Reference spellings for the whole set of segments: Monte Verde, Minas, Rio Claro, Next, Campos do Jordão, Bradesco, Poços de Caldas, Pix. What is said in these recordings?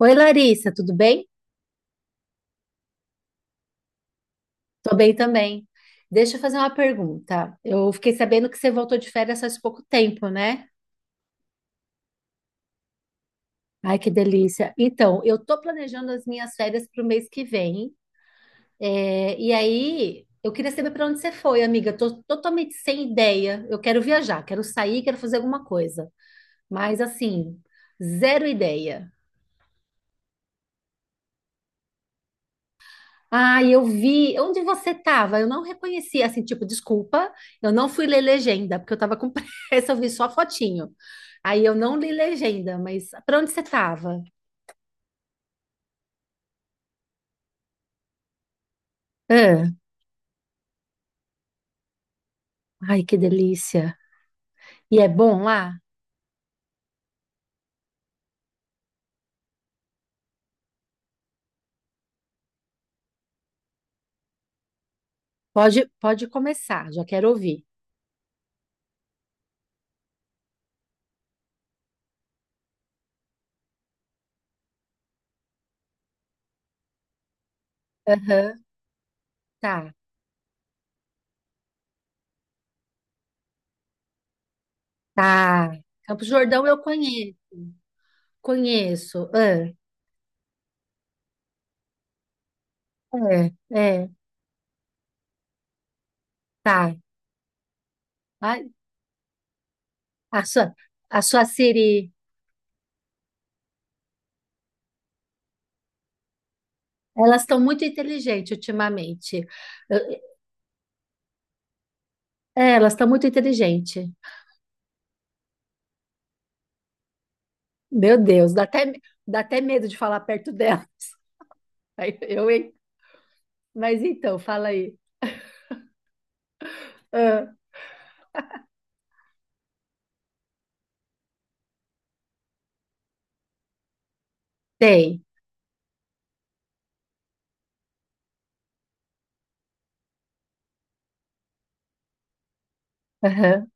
Oi, Larissa, tudo bem? Tô bem também. Deixa eu fazer uma pergunta. Eu fiquei sabendo que você voltou de férias faz pouco tempo, né? Ai, que delícia. Então, eu tô planejando as minhas férias para o mês que vem. E aí, eu queria saber para onde você foi, amiga. Tô totalmente sem ideia. Eu quero viajar, quero sair, quero fazer alguma coisa. Mas, assim, zero ideia. Ah, eu vi. Onde você estava? Eu não reconheci, assim, tipo, desculpa, eu não fui ler legenda, porque eu estava com pressa, eu vi só a fotinho. Aí eu não li legenda, mas para onde você estava? Ah. Ai, que delícia. E é bom lá? Pode, pode começar, já quero ouvir. Aham. Tá, tá. Campos do Jordão eu conheço, conheço. Ah, é, é, tá. Ai. A, sua, a sua Siri, elas estão muito inteligentes ultimamente. É, elas estão muito inteligentes. Meu Deus, dá até medo de falar perto dela. Aí eu, hein? Mas então, fala aí. Ah, tem. Aham.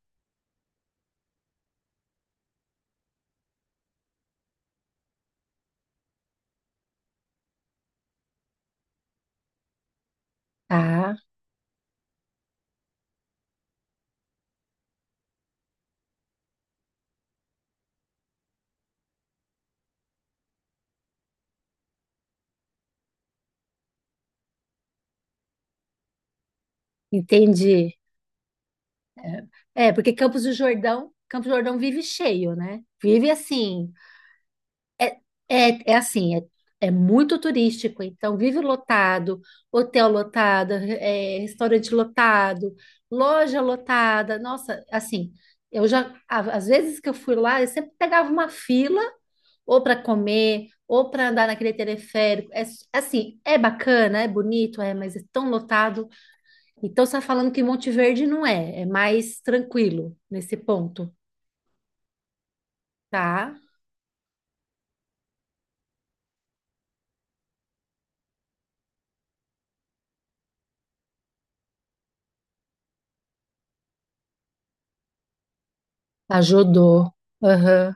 Tá, entendi. É, porque Campos do Jordão vive cheio, né? Vive assim, É, é assim, é, é muito turístico, então vive lotado, hotel lotado, é, restaurante lotado, loja lotada. Nossa, assim, eu já, às vezes que eu fui lá, eu sempre pegava uma fila, ou para comer, ou para andar naquele teleférico. É, assim, é bacana, é bonito, é, mas é tão lotado. Então você está falando que Monte Verde não é, é mais tranquilo nesse ponto, tá? Ajudou. Aham.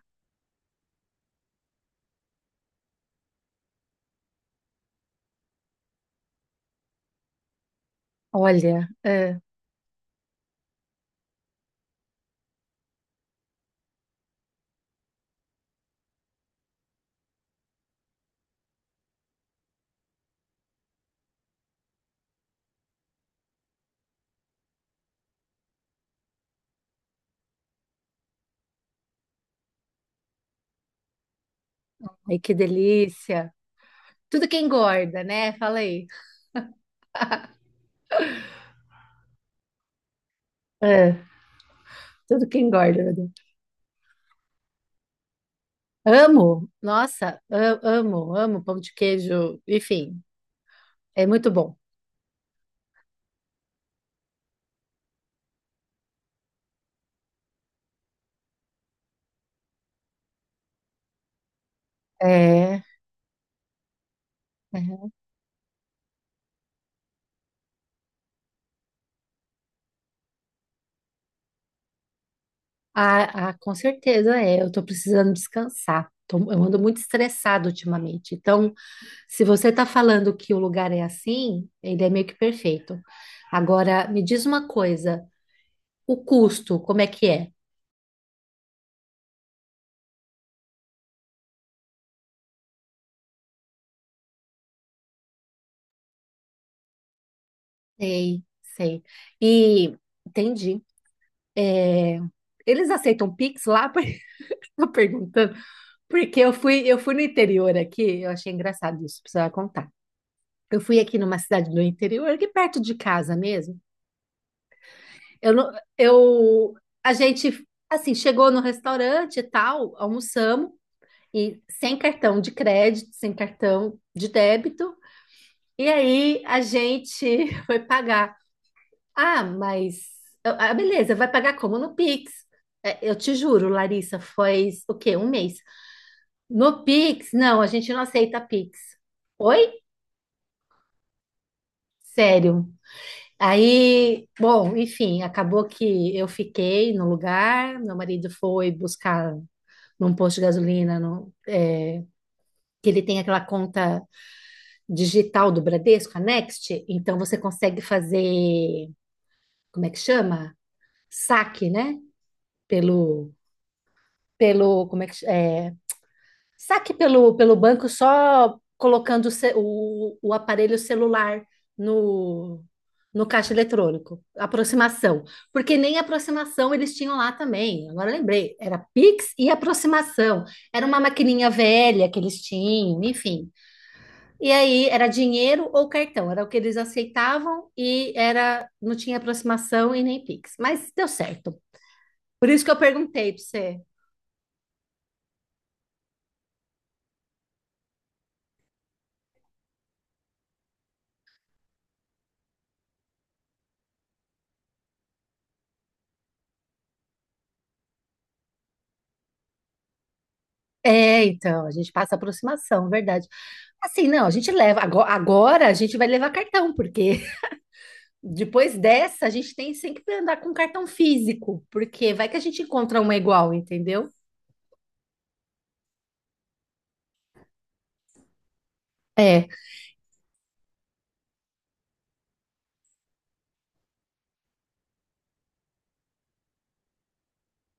Olha, é. Ai, que delícia. Tudo que engorda, né? Fala aí. É, tudo que engorda, meu Deus. Amo. Nossa, amo, amo pão de queijo. Enfim, é muito bom. É, é. Ah, ah, com certeza é. Eu tô precisando descansar. Eu ando muito estressado ultimamente. Então, se você tá falando que o lugar é assim, ele é meio que perfeito. Agora, me diz uma coisa. O custo, como é que é? Sei, sei. E entendi. Eles aceitam Pix lá? Por isso eu tô perguntando. Porque eu fui no interior aqui, eu achei engraçado isso, precisava contar. Eu fui aqui numa cidade do interior, aqui perto de casa mesmo. Eu, não- eu, a gente, assim, chegou no restaurante e tal, almoçamos, e sem cartão de crédito, sem cartão de débito. E aí a gente foi pagar. Ah, mas, ah, beleza, vai pagar como no Pix? É, eu te juro, Larissa, foi o quê? Um mês. No Pix, não, a gente não aceita Pix. Oi? Sério. Aí, bom, enfim, acabou que eu fiquei no lugar, meu marido foi buscar num posto de gasolina, é, que ele tem aquela conta digital do Bradesco, a Next, então você consegue fazer, como é que chama? Saque, né? Pelo, pelo, como é que, ch- é, Saque pelo, pelo banco só colocando o aparelho celular no, no caixa eletrônico. Aproximação. Porque nem aproximação eles tinham lá também. Agora eu lembrei, era Pix e aproximação. Era uma maquininha velha que eles tinham, enfim. E aí era dinheiro ou cartão, era o que eles aceitavam e era não tinha aproximação e nem Pix. Mas deu certo. Por isso que eu perguntei para você. É, então, a gente passa aproximação, verdade. Assim, não, a gente leva. Agora, a gente vai levar cartão, porque depois dessa a gente tem sempre que andar com cartão físico, porque vai que a gente encontra uma igual, entendeu? É.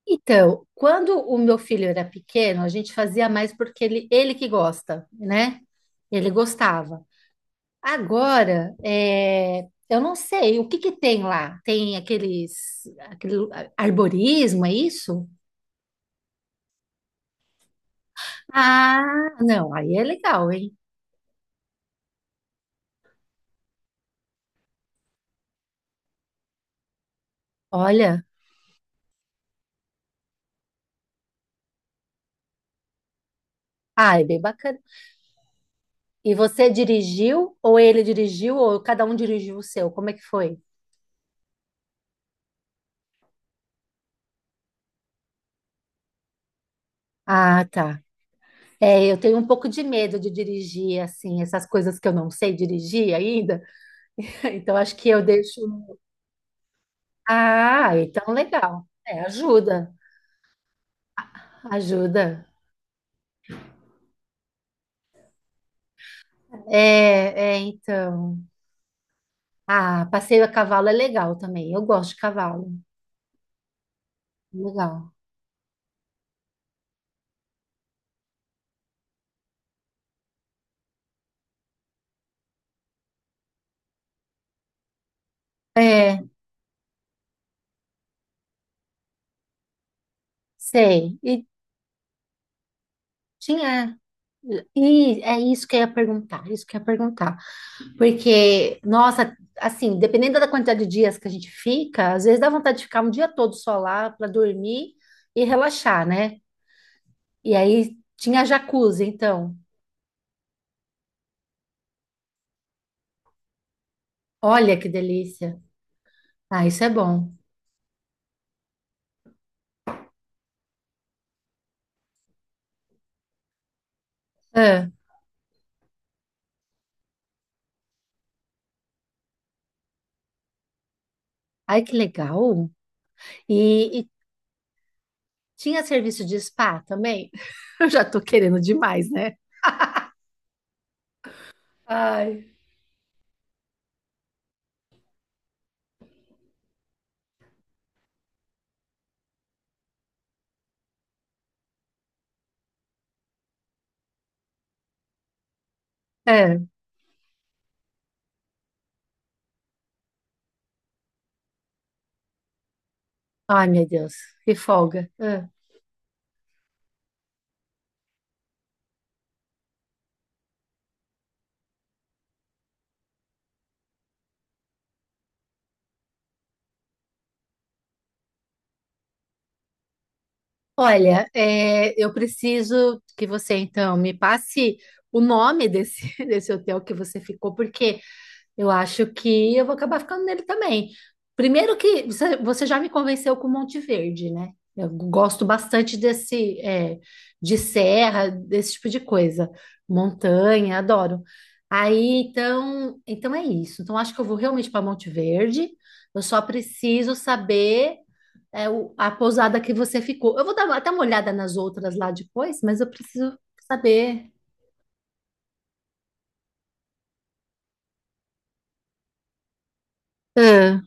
Então, quando o meu filho era pequeno, a gente fazia mais porque ele que gosta, né? Ele gostava. Agora, é, eu não sei o que que tem lá. Tem aquele arborismo, é isso? Ah, não, aí é legal, hein? Olha, ah, é bem bacana. E você dirigiu, ou ele dirigiu, ou cada um dirigiu o seu? Como é que foi? Ah, tá. É, eu tenho um pouco de medo de dirigir, assim, essas coisas que eu não sei dirigir ainda. Então, acho que eu deixo. Ah, então legal. É, ajuda. É, é, então. Ah, passeio a cavalo é legal também. Eu gosto de cavalo. Legal. É, sei. E sim, é. E é isso que eu ia perguntar, isso que eu ia perguntar. Porque, nossa, assim, dependendo da quantidade de dias que a gente fica, às vezes dá vontade de ficar um dia todo só lá para dormir e relaxar, né? E aí tinha jacuzzi, então. Olha que delícia. Ah, isso é bom. Ah, ai, que legal. E tinha serviço de spa também? Eu já tô querendo demais, né? Ai. É. Ai, meu Deus, que folga. Olha, é, eu preciso que você então me passe o nome desse, desse hotel que você ficou, porque eu acho que eu vou acabar ficando nele também. Primeiro que você já me convenceu com Monte Verde, né? Eu gosto bastante desse, é, de serra, desse tipo de coisa. Montanha, adoro. Aí, então é isso. Então, acho que eu vou realmente para Monte Verde. Eu só preciso saber, é, a pousada que você ficou. Eu vou dar até uma olhada nas outras lá depois, mas eu preciso saber. Ah,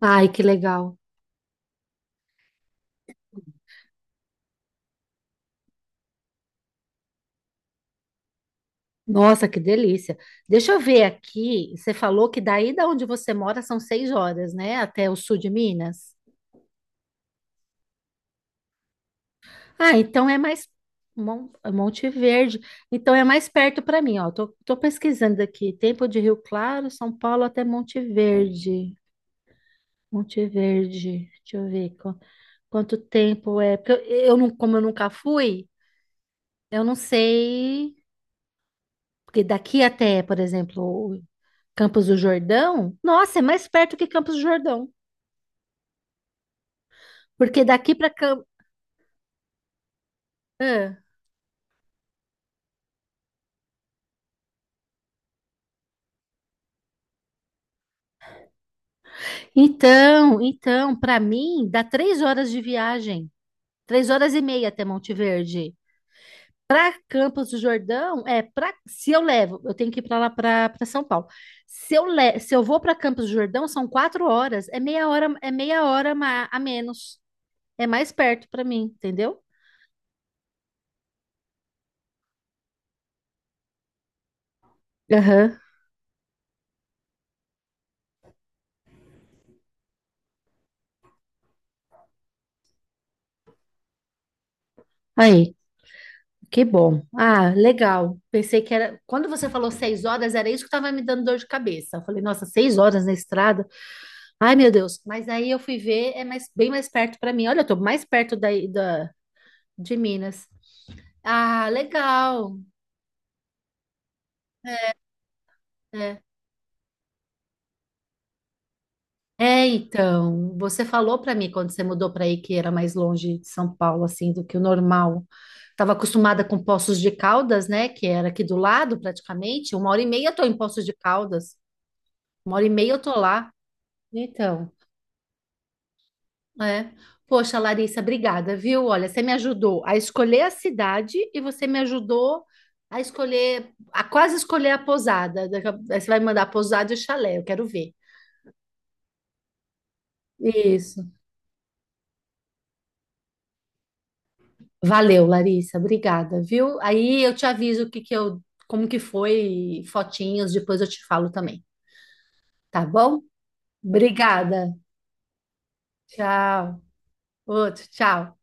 ai, que legal. Nossa, que delícia. Deixa eu ver aqui. Você falou que daí da onde você mora são 6 horas, né? Até o sul de Minas. Ah, então é mais Monte Verde. Então é mais perto para mim, ó. Tô, tô pesquisando aqui. Tempo de Rio Claro, São Paulo até Monte Verde. Monte Verde. Deixa eu ver quanto tempo é. Porque eu não, como eu nunca fui, eu não sei. Porque daqui até, por exemplo, Campos do Jordão. Nossa, é mais perto que Campos do Jordão. Porque daqui para Cam... Ah. Então, para mim, dá 3 horas de viagem, 3 horas e meia até Monte Verde. Para Campos do Jordão, é para se eu levo, eu tenho que ir para lá para São Paulo. Se eu le... se eu vou para Campos do Jordão, são 4 horas, é meia hora ma- a menos, é mais perto para mim, entendeu? Aham. Aí, que bom. Ah, legal. Pensei que era. Quando você falou 6 horas, era isso que estava me dando dor de cabeça. Eu falei, nossa, 6 horas na estrada. Ai, meu Deus. Mas aí eu fui ver, é mais, bem mais perto para mim. Olha, eu tô mais perto daí da, de Minas. Ah, legal. É. É, então, você falou para mim quando você mudou para aí que era mais longe de São Paulo, assim, do que o normal. Estava acostumada com Poços de Caldas, né? Que era aqui do lado, praticamente. Uma hora e meia eu tô em Poços de Caldas. Uma hora e meia eu tô lá. Então. É. Poxa, Larissa, obrigada, viu? Olha, você me ajudou a escolher a cidade e você me ajudou a escolher, a quase escolher a pousada. Aí você vai me mandar pousada e chalé, eu quero ver. Isso. Valeu, Larissa, obrigada, viu? Aí eu te aviso o que que eu, como que foi, fotinhos, depois eu te falo também, tá bom? Obrigada. Tchau. Outro, tchau.